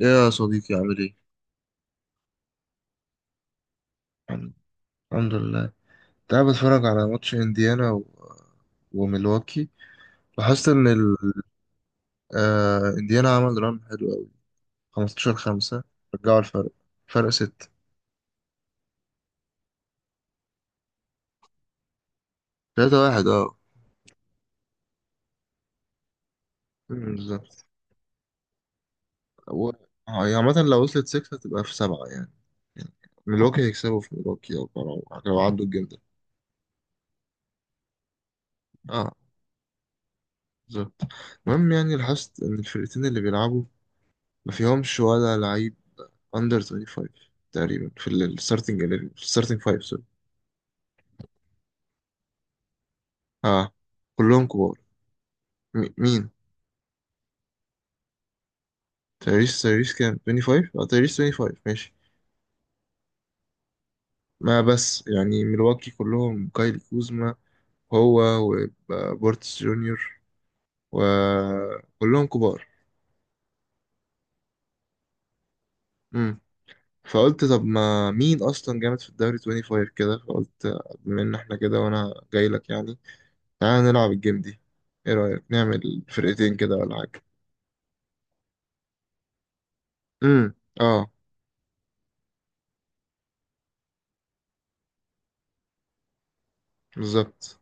يا صديقي عامل ايه؟ الحمد الحمد لله. كنت قاعد بتفرج على ماتش انديانا و... وميلواكي. لاحظت ان انديانا عمل ران حلو قوي. 15 5، رجعوا الفرق، فرق 6. 3 1 اه. بالظبط. و... آه، يعني عامة لو وصلت 6 هتبقى في 7 يعني. يعني ميلواكي هيكسبوا في ميلواكي او لو عدوا الجيم ده. اه بالظبط. المهم يعني لاحظت ان الفرقتين اللي بيلعبوا ما فيهمش ولا لعيب اندر 25 تقريبا في الستارتنج، في الستارتنج 5. سوري. اه كلهم كبار. مين؟ تايريس، تايريس كام؟ 25؟ اه تايريس 25 ماشي. ما بس يعني ملواكي كلهم كايلي كوزما هو وبورتس جونيور وكلهم كبار. امم فقلت طب ما مين اصلا جامد في الدوري 25 كده، فقلت بما ان احنا كده وانا جاي لك يعني تعالى نلعب الجيم دي. ايه رأيك نعمل فرقتين كده ولا حاجة؟ امم اه بالظبط.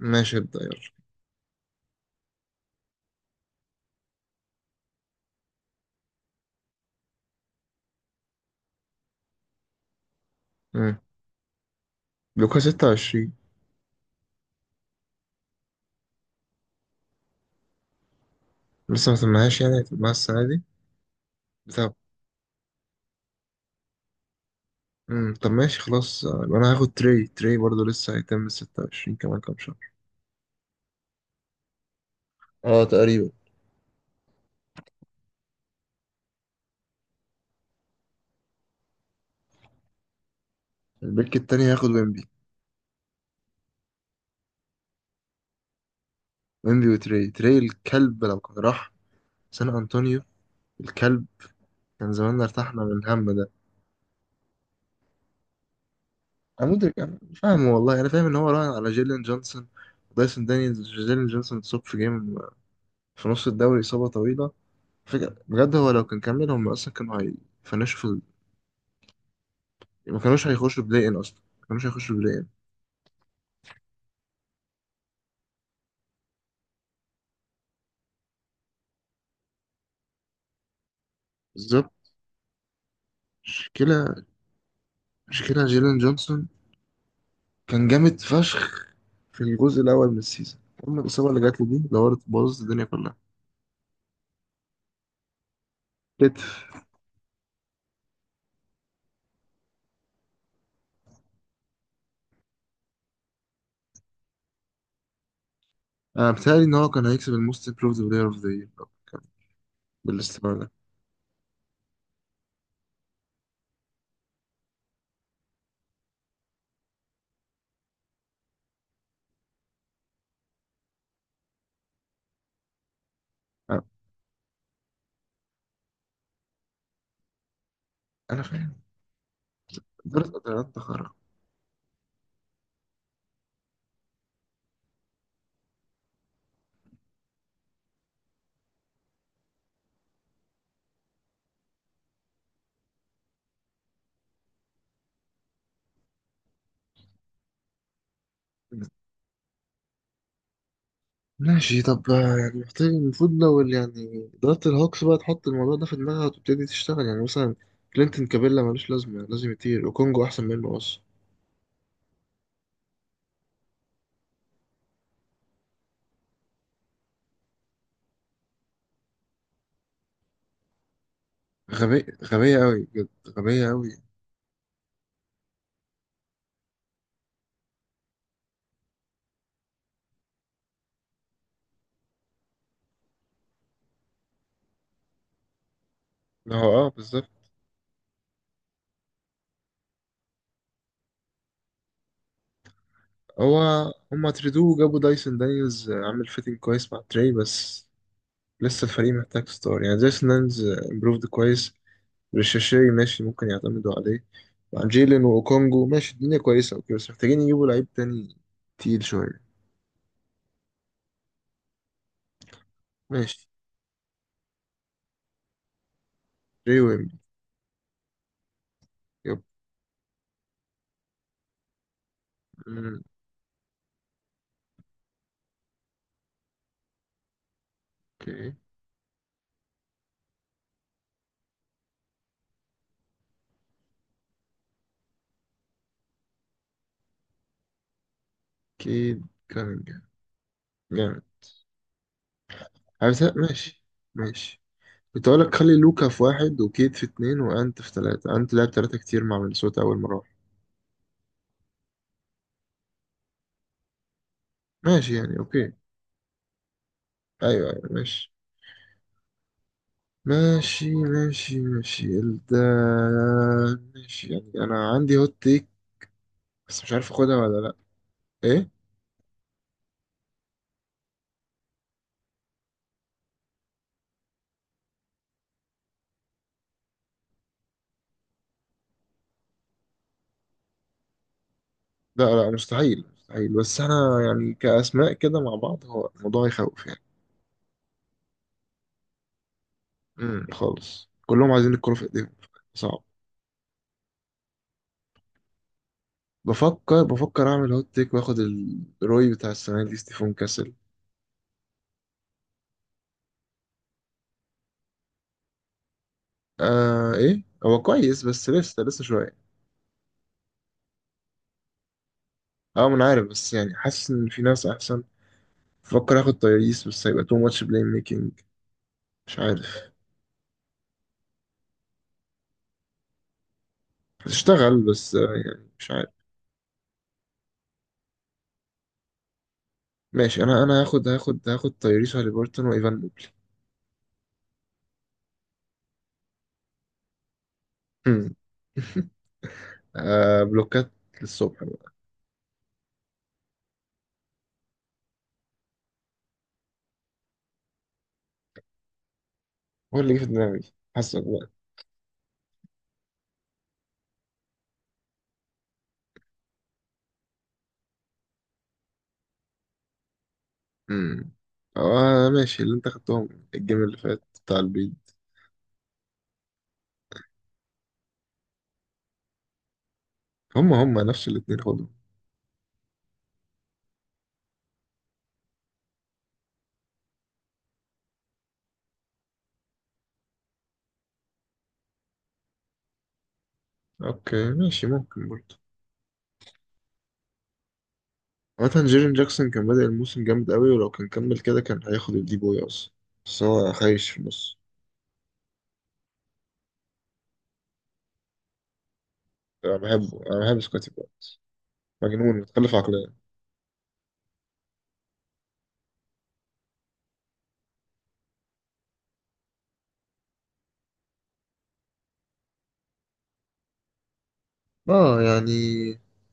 ماشي ابدأ يلا. مم. لوكا 26. لسه ما سمعهاش، يعني هتبقى السنة دي. بتاع. مم. طب ماشي خلاص، يبقى أنا هاخد تري، تري برضه لسه هيتم 26 كمان كام شهر. اه تقريبا. البيك التاني هياخد ويمبي. ويمبي وتري، تري الكلب لو كان راح سان أنطونيو، الكلب، كان زماننا ارتحنا من الهم ده. أنا مدرك، أنا مش فاهم والله، أنا فاهم إن هو راهن على جيلين جونسون. دايسون دانيالز، جيلين جونسون اتصاب في جيم في نص الدوري، إصابة طويلة. فكرة بجد هو لو كان كمل هم أصلا كانوا هيفنشوا. ما كانوش هيخشوا بلاي ان اصلا، ما كانوش هيخشوا بلاي ان. بالظبط. مشكلة مشكلة جيلين جونسون. كان جامد فشخ في الجزء الأول من السيزون. أما الإصابة اللي جات له دي دورت بوظت الدنيا كلها. كتف. أنا بتهيألي إن هو كان هيكسب الموست امبروفد بلاير أوف ذا يير بالاستمرار ده. آه، أنا فاهم. إدارة قدرات تخرج. ماشي. طب يعني محتاج، المفروض لو يعني إدارة الهوكس بقى تحط الموضوع ده في دماغها وتبتدي تشتغل يعني. مثلا كلينتون كابيلا ملوش لازمة، لازم يطير وكونجو أحسن منه أصلا. غبية أوي بجد، غبية أوي. ما هو اه بالظبط. هو هما تريدوه وجابوا دايسون دانيلز، عامل فيتنج كويس مع تري بس لسه الفريق محتاج ستار. يعني دايسون دانيلز امبروفد كويس، ريشاشي ماشي ممكن يعتمدوا عليه. مع جيلين وأوكونجو ماشي الدنيا كويسة أوكي، بس محتاجين يجيبوا لعيب تاني تقيل شوية. ماشي. تري، ويمبي. يب. مم، اوكي. كيد كامينجهام جامد. ماشي. ماشي. كنت اقول لك خلي لوكا في واحد وكيت في اتنين وانت في تلاتة، انت لعب تلاتة كتير مع مينيسوتا اول ما راح. ماشي يعني اوكي. ايوه ايوه ماشي. ماشي ده. ماشي يعني انا عندي هوت تيك بس مش عارف اخدها ولا لا. ايه؟ لا لا مستحيل مستحيل، بس انا يعني كاسماء كده مع بعض هو الموضوع يخوف يعني. خالص كلهم عايزين الكرة في ايديهم، صعب. بفكر اعمل هوت تيك واخد الروي بتاع السنة دي ستيفون كاسل. آه ايه هو كويس بس لسه شويه. اه ما انا عارف بس يعني حاسس ان في ناس احسن. بفكر اخد تايريس بس هيبقى تو ماتش بلاي ميكنج. مش عارف. هتشتغل بس يعني مش عارف. ماشي انا هاخد تايريس وهاليبرتون وايفان موبلي. هم. آه بلوكات للصبح بقى. هو اللي جه في دماغي، حاسك بقى. امم. آه ماشي اللي انت خدتهم الجيم اللي فات بتاع البيض. هم نفس الاتنين خدهم. اوكي ماشي، ممكن برضه. عامة جيرين جاكسون كان بادئ الموسم جامد قوي، ولو كان كمل كده كان هياخد الدي بوي أصلا، بس هو خايش في النص. أنا بحبه، أنا بحب سكوتي بقى، مجنون متخلف عقليا. اه يعني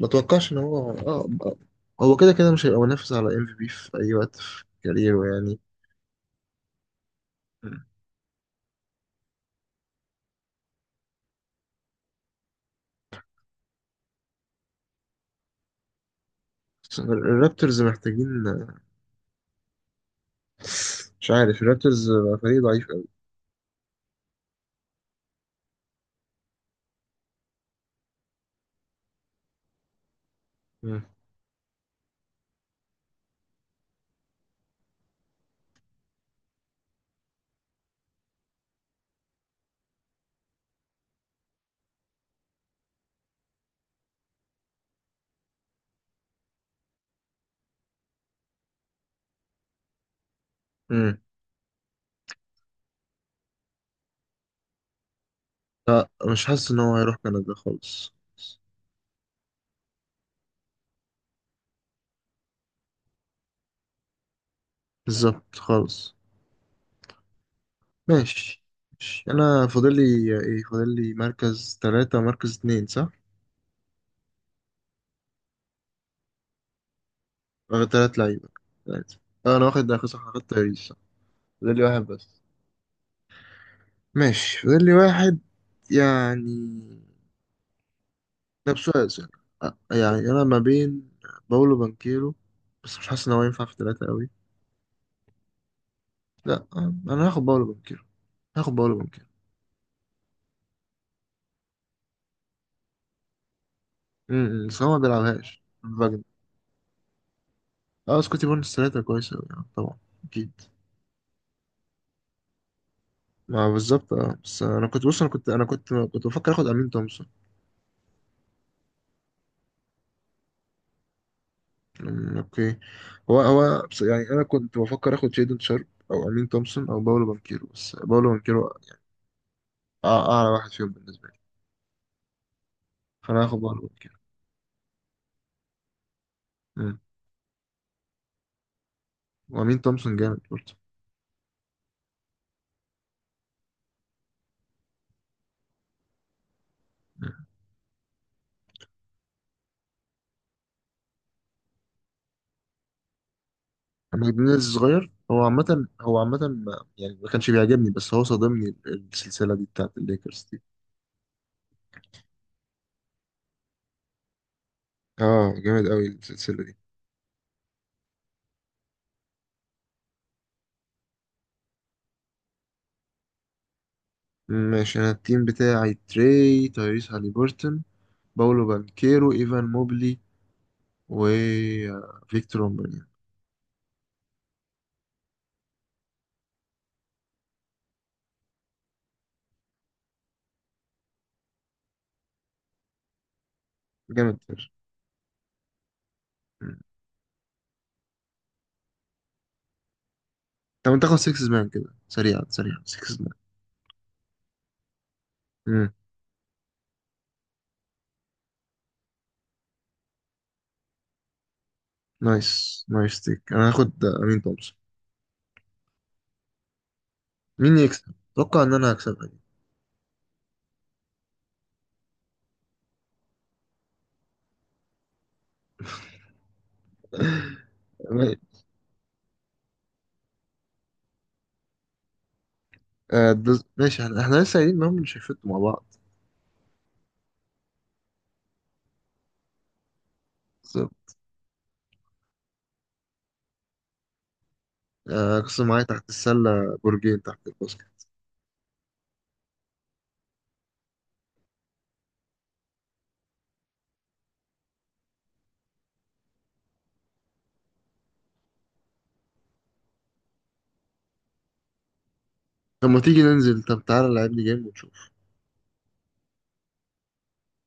ما اتوقعش ان هو اه آه. هو كده كده مش هيبقى منافس على ام في بي في اي وقت في كاريره يعني. مم. بس الرابترز محتاجين. مش عارف، الرابترز بقى فريق ضعيف قوي. مم. مم. لا مش حاسس ان هو هيروح كندا خالص. بالظبط خالص. ماشي. ماشي. انا فاضل لي ايه؟ فاضل لي مركز ثلاثة، مركز اتنين صح. واخد تلات لعيبة، تلاتة. اه انا واخد اخر صح، واخد تاريخ صح. فاضل لي واحد بس. ماشي فاضل لي واحد يعني. ده بسؤال سهل. أ- يعني انا ما بين باولو بانكيرو، بس مش حاسس ان هو ينفع في ثلاثة قوي. لا انا هاخد باولو بانكيرو. هاخد باولو بانكيرو. م- م، بس هو ما بيلعبهاش فاجن. اه سكوتي بونس ثلاثة كويسة أوي، طبعا اكيد. ما بالظبط اه بس انا كنت بص، انا كنت انا كنت كنت بفكر اخد امين تومسون. اوكي. هو بس يعني انا كنت بفكر اخد شيدن شارب او امين تومسون او باولو بانكيرو، بس باولو بانكيرو اعلى واحد فيهم بالنسبه لي، فانا هاخد باولو بانكيرو. أمم، وامين تومسون جامد برضه. أمم. ماجنيز صغير، هو عامه يعني ما كانش بيعجبني بس هو صادمني السلسله دي بتاعت الليكرز دي. اه جامد قوي السلسله دي. ماشي انا التيم بتاعي تري، تايريس هاليبرتون، باولو بانكيرو، ايفان موبلي، وفيكتور اومبانيا. جامد فشخ. مم. طب انت تاخد 6 مان كده، سريعا سريعا 6 مان. مم. نايس نايس تيك. انا هاخد امين تومسون. مين يكسب؟ اتوقع ان انا هكسبها دي. ما- ماشي احنا لسه قايلين ان هم مش هيفتوا مع بعض. طب، قصة معايا تحت السلة، برجين تحت الباسكت. طب ما تيجي ننزل، طب تعالى لعب لي جيم ونشوف.